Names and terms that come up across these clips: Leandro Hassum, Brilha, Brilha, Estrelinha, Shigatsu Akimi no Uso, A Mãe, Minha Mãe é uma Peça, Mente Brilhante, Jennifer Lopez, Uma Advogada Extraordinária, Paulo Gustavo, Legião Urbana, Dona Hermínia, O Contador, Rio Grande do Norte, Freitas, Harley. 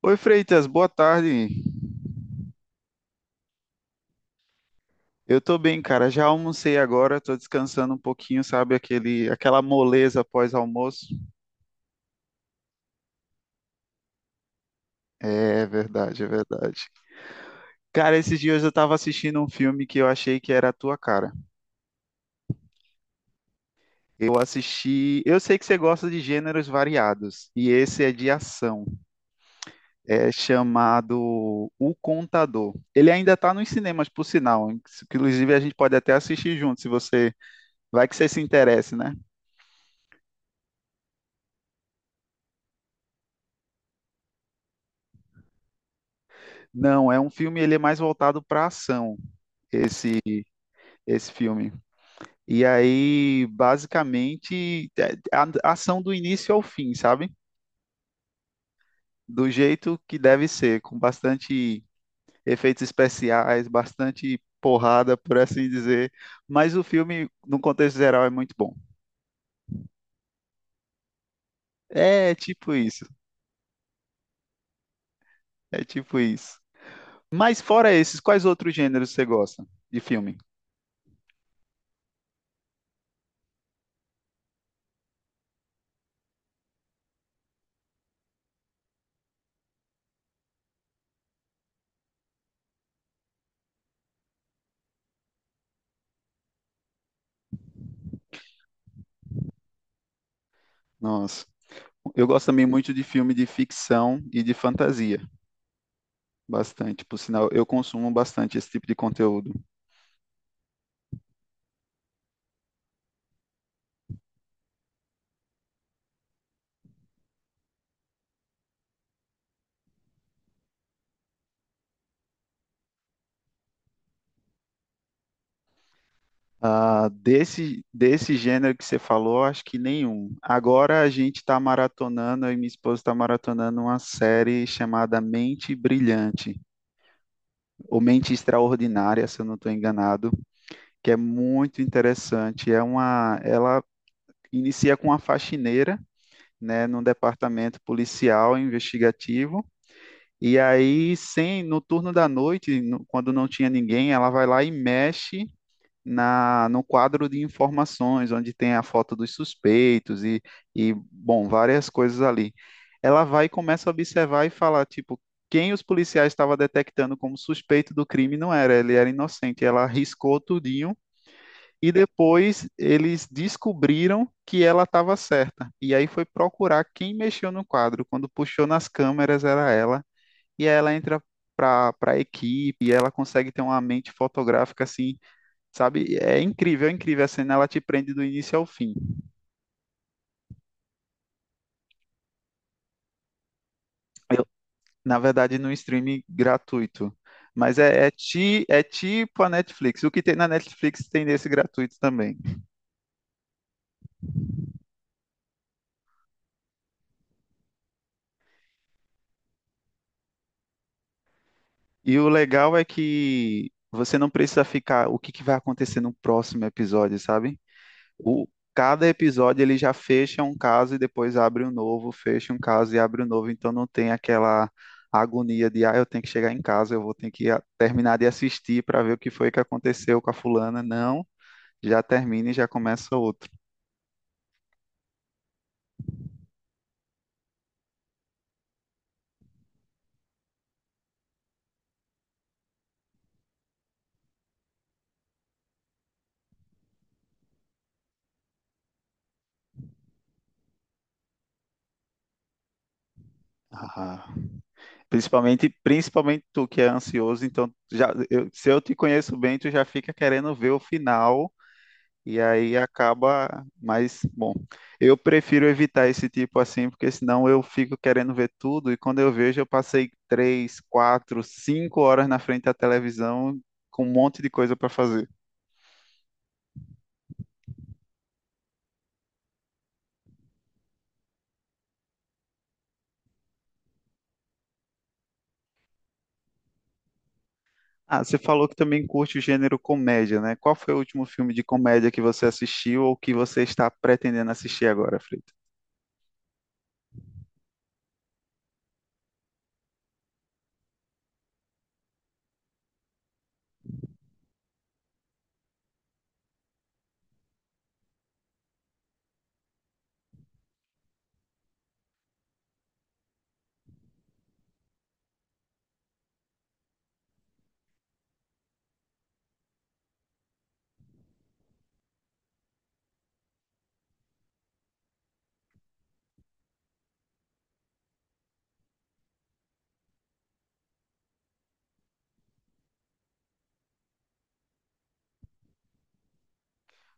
Oi, Freitas, boa tarde. Eu tô bem, cara. Já almocei agora, tô descansando um pouquinho, sabe? Aquela moleza pós-almoço. É verdade, é verdade. Cara, esses dias eu tava assistindo um filme que eu achei que era a tua cara. Eu assisti. Eu sei que você gosta de gêneros variados, e esse é de ação. É chamado O Contador. Ele ainda tá nos cinemas, por sinal. Inclusive, a gente pode até assistir junto, se você. Vai que você se interesse, né? Não, é um filme, ele é mais voltado para ação. esse, esse filme. E aí, basicamente, a ação do início ao fim, sabe? Do jeito que deve ser, com bastante efeitos especiais, bastante porrada, por assim dizer. Mas o filme, no contexto geral, é muito bom. É tipo isso. É tipo isso. Mas fora esses, quais outros gêneros você gosta de filme? Nossa, eu gosto também muito de filme de ficção e de fantasia. Bastante, por sinal, eu consumo bastante esse tipo de conteúdo. Ah, desse gênero que você falou, acho que nenhum. Agora a gente está maratonando, eu e minha esposa está maratonando uma série chamada Mente Brilhante, ou Mente Extraordinária, se eu não estou enganado, que é muito interessante. É uma, ela inicia com uma faxineira, né, num departamento policial investigativo. E aí, sem, no turno da noite, quando não tinha ninguém, ela vai lá e mexe no quadro de informações, onde tem a foto dos suspeitos e, bom, várias coisas ali. Ela vai e começa a observar e falar, tipo, quem os policiais estavam detectando como suspeito do crime não era, ele era inocente. Ela arriscou tudinho e depois eles descobriram que ela estava certa. E aí foi procurar quem mexeu no quadro. Quando puxou nas câmeras era ela. E aí ela entra para a equipe e ela consegue ter uma mente fotográfica assim. Sabe? É incrível, é incrível. A cena ela te prende do início ao fim. Eu- Na verdade, no streaming gratuito. Mas é tipo a Netflix. O que tem na Netflix tem nesse gratuito também. E o legal é que você não precisa ficar o que que vai acontecer no próximo episódio, sabe? O, Cada episódio ele já fecha um caso e depois abre um novo, fecha um caso e abre um novo, então não tem aquela agonia de, ah, eu tenho que chegar em casa, eu vou ter que terminar de assistir para ver o que foi que aconteceu com a fulana. Não, já termina e já começa outro. Ah, principalmente tu que é ansioso, então já, se eu te conheço bem, tu já fica querendo ver o final. E aí acaba, mas bom, eu prefiro evitar esse tipo assim, porque senão eu fico querendo ver tudo e quando eu vejo eu passei 3, 4, 5 horas na frente da televisão com um monte de coisa para fazer. Ah, você falou que também curte o gênero comédia, né? Qual foi o último filme de comédia que você assistiu ou que você está pretendendo assistir agora, Frito?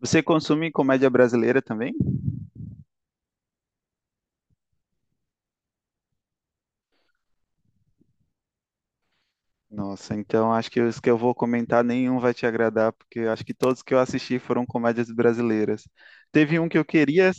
Você consome comédia brasileira também? Nossa, então acho que os que eu vou comentar nenhum vai te agradar, porque acho que todos que eu assisti foram comédias brasileiras. Teve um que eu queria,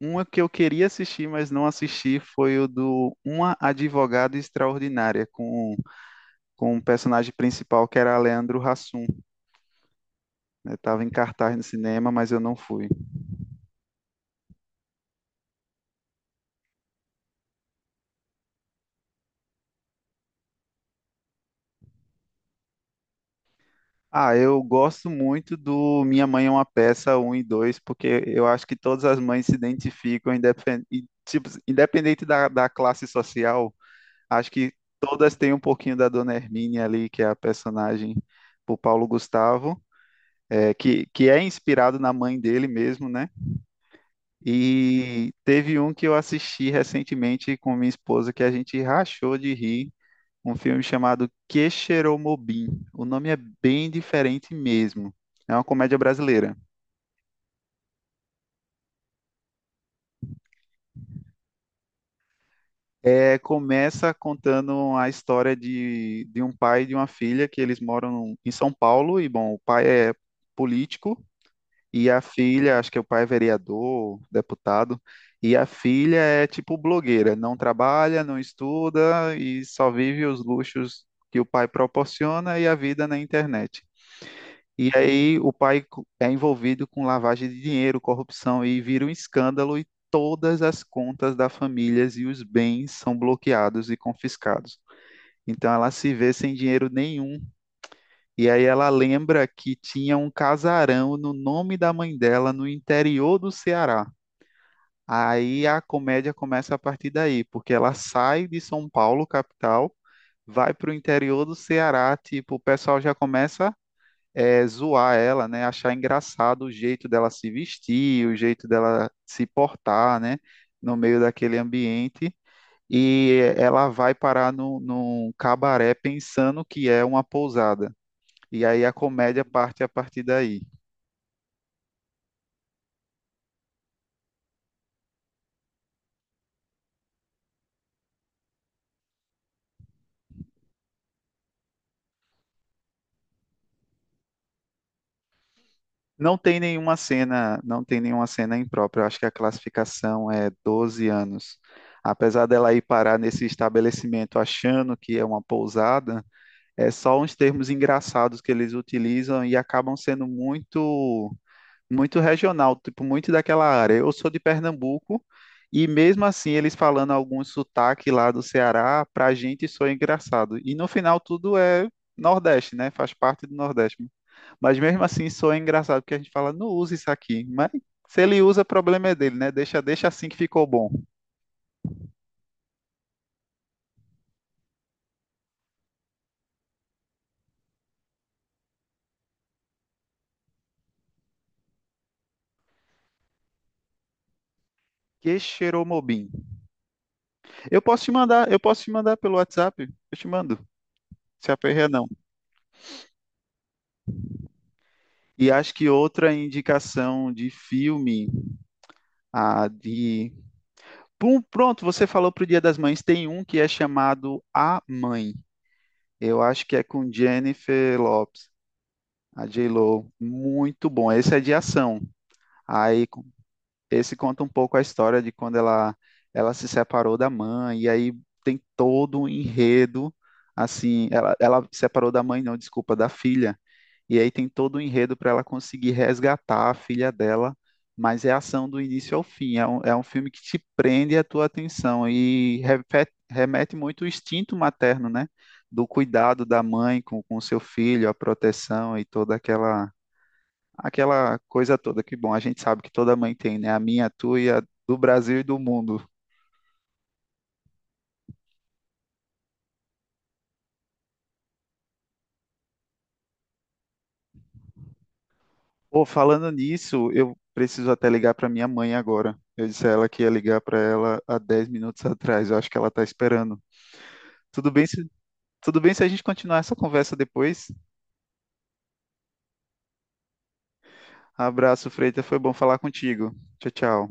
Uma que eu queria assistir, mas não assisti, foi o do Uma Advogada Extraordinária, com o personagem principal que era Leandro Hassum. Né? Tava em cartaz no cinema, mas eu não fui. Ah, eu gosto muito do Minha Mãe é uma Peça um e 2 porque eu acho que todas as mães se identificam, independ... e, tipo, independente da classe social. Acho que todas têm um pouquinho da Dona Hermínia ali, que é a personagem do Paulo Gustavo, que é inspirado na mãe dele mesmo, né? E teve um que eu assisti recentemente com minha esposa que a gente rachou de rir, um filme chamado Que. O nome é bem diferente mesmo. É uma comédia brasileira. É, começa contando a história de um pai e de uma filha que eles moram em São Paulo e, bom, o pai é político. E a filha, acho que é o pai é vereador, deputado, e a filha é tipo blogueira, não trabalha, não estuda e só vive os luxos que o pai proporciona e a vida na internet. E aí o pai é envolvido com lavagem de dinheiro, corrupção e vira um escândalo e todas as contas da família e os bens são bloqueados e confiscados. Então ela se vê sem dinheiro nenhum e aí ela lembra que tinha um casarão no nome da mãe dela no interior do Ceará. Aí a comédia começa a partir daí, porque ela sai de São Paulo, capital, vai para o interior do Ceará, tipo, o pessoal já começa zoar ela, né? Achar engraçado o jeito dela se vestir, o jeito dela se portar, né? No meio daquele ambiente. E ela vai parar num cabaré pensando que é uma pousada. E aí a comédia parte a partir daí. Não tem nenhuma cena imprópria. Eu acho que a classificação é 12 anos. Apesar dela ir parar nesse estabelecimento achando que é uma pousada, é só uns termos engraçados que eles utilizam e acabam sendo muito regional, tipo muito daquela área. Eu sou de Pernambuco e mesmo assim eles falando algum sotaque lá do Ceará, pra gente soa engraçado. E no final tudo é Nordeste, né? Faz parte do Nordeste. Mas mesmo assim soa engraçado porque a gente fala, não usa isso aqui. Mas se ele usa, problema é dele, né? Deixa assim que ficou bom. Que cheiromobim. Eu posso te mandar pelo WhatsApp, eu te mando. Se aperreia não. E acho que outra indicação de filme, a de pronto, você falou pro Dia das Mães, tem um que é chamado A Mãe. Eu acho que é com Jennifer Lopez, a J-Lo. Muito bom. Esse é de ação. Aí esse conta um pouco a história de quando ela se separou da mãe, e aí tem todo um enredo, assim, ela se separou da mãe, não, desculpa, da filha, e aí tem todo um enredo para ela conseguir resgatar a filha dela, mas é ação do início ao fim, é um filme que te prende a tua atenção e remete muito o instinto materno, né? Do cuidado da mãe com o seu filho, a proteção e toda aquela coisa toda que, bom, a gente sabe que toda mãe tem, né? A minha, a tua e a do Brasil e do mundo. Pô, falando nisso, eu preciso até ligar para minha mãe agora. Eu disse a ela que ia ligar para ela há 10 minutos atrás. Eu acho que ela tá esperando. Tudo bem se, tudo bem se a gente continuar essa conversa depois? Abraço, Freita. Foi bom falar contigo. Tchau, tchau.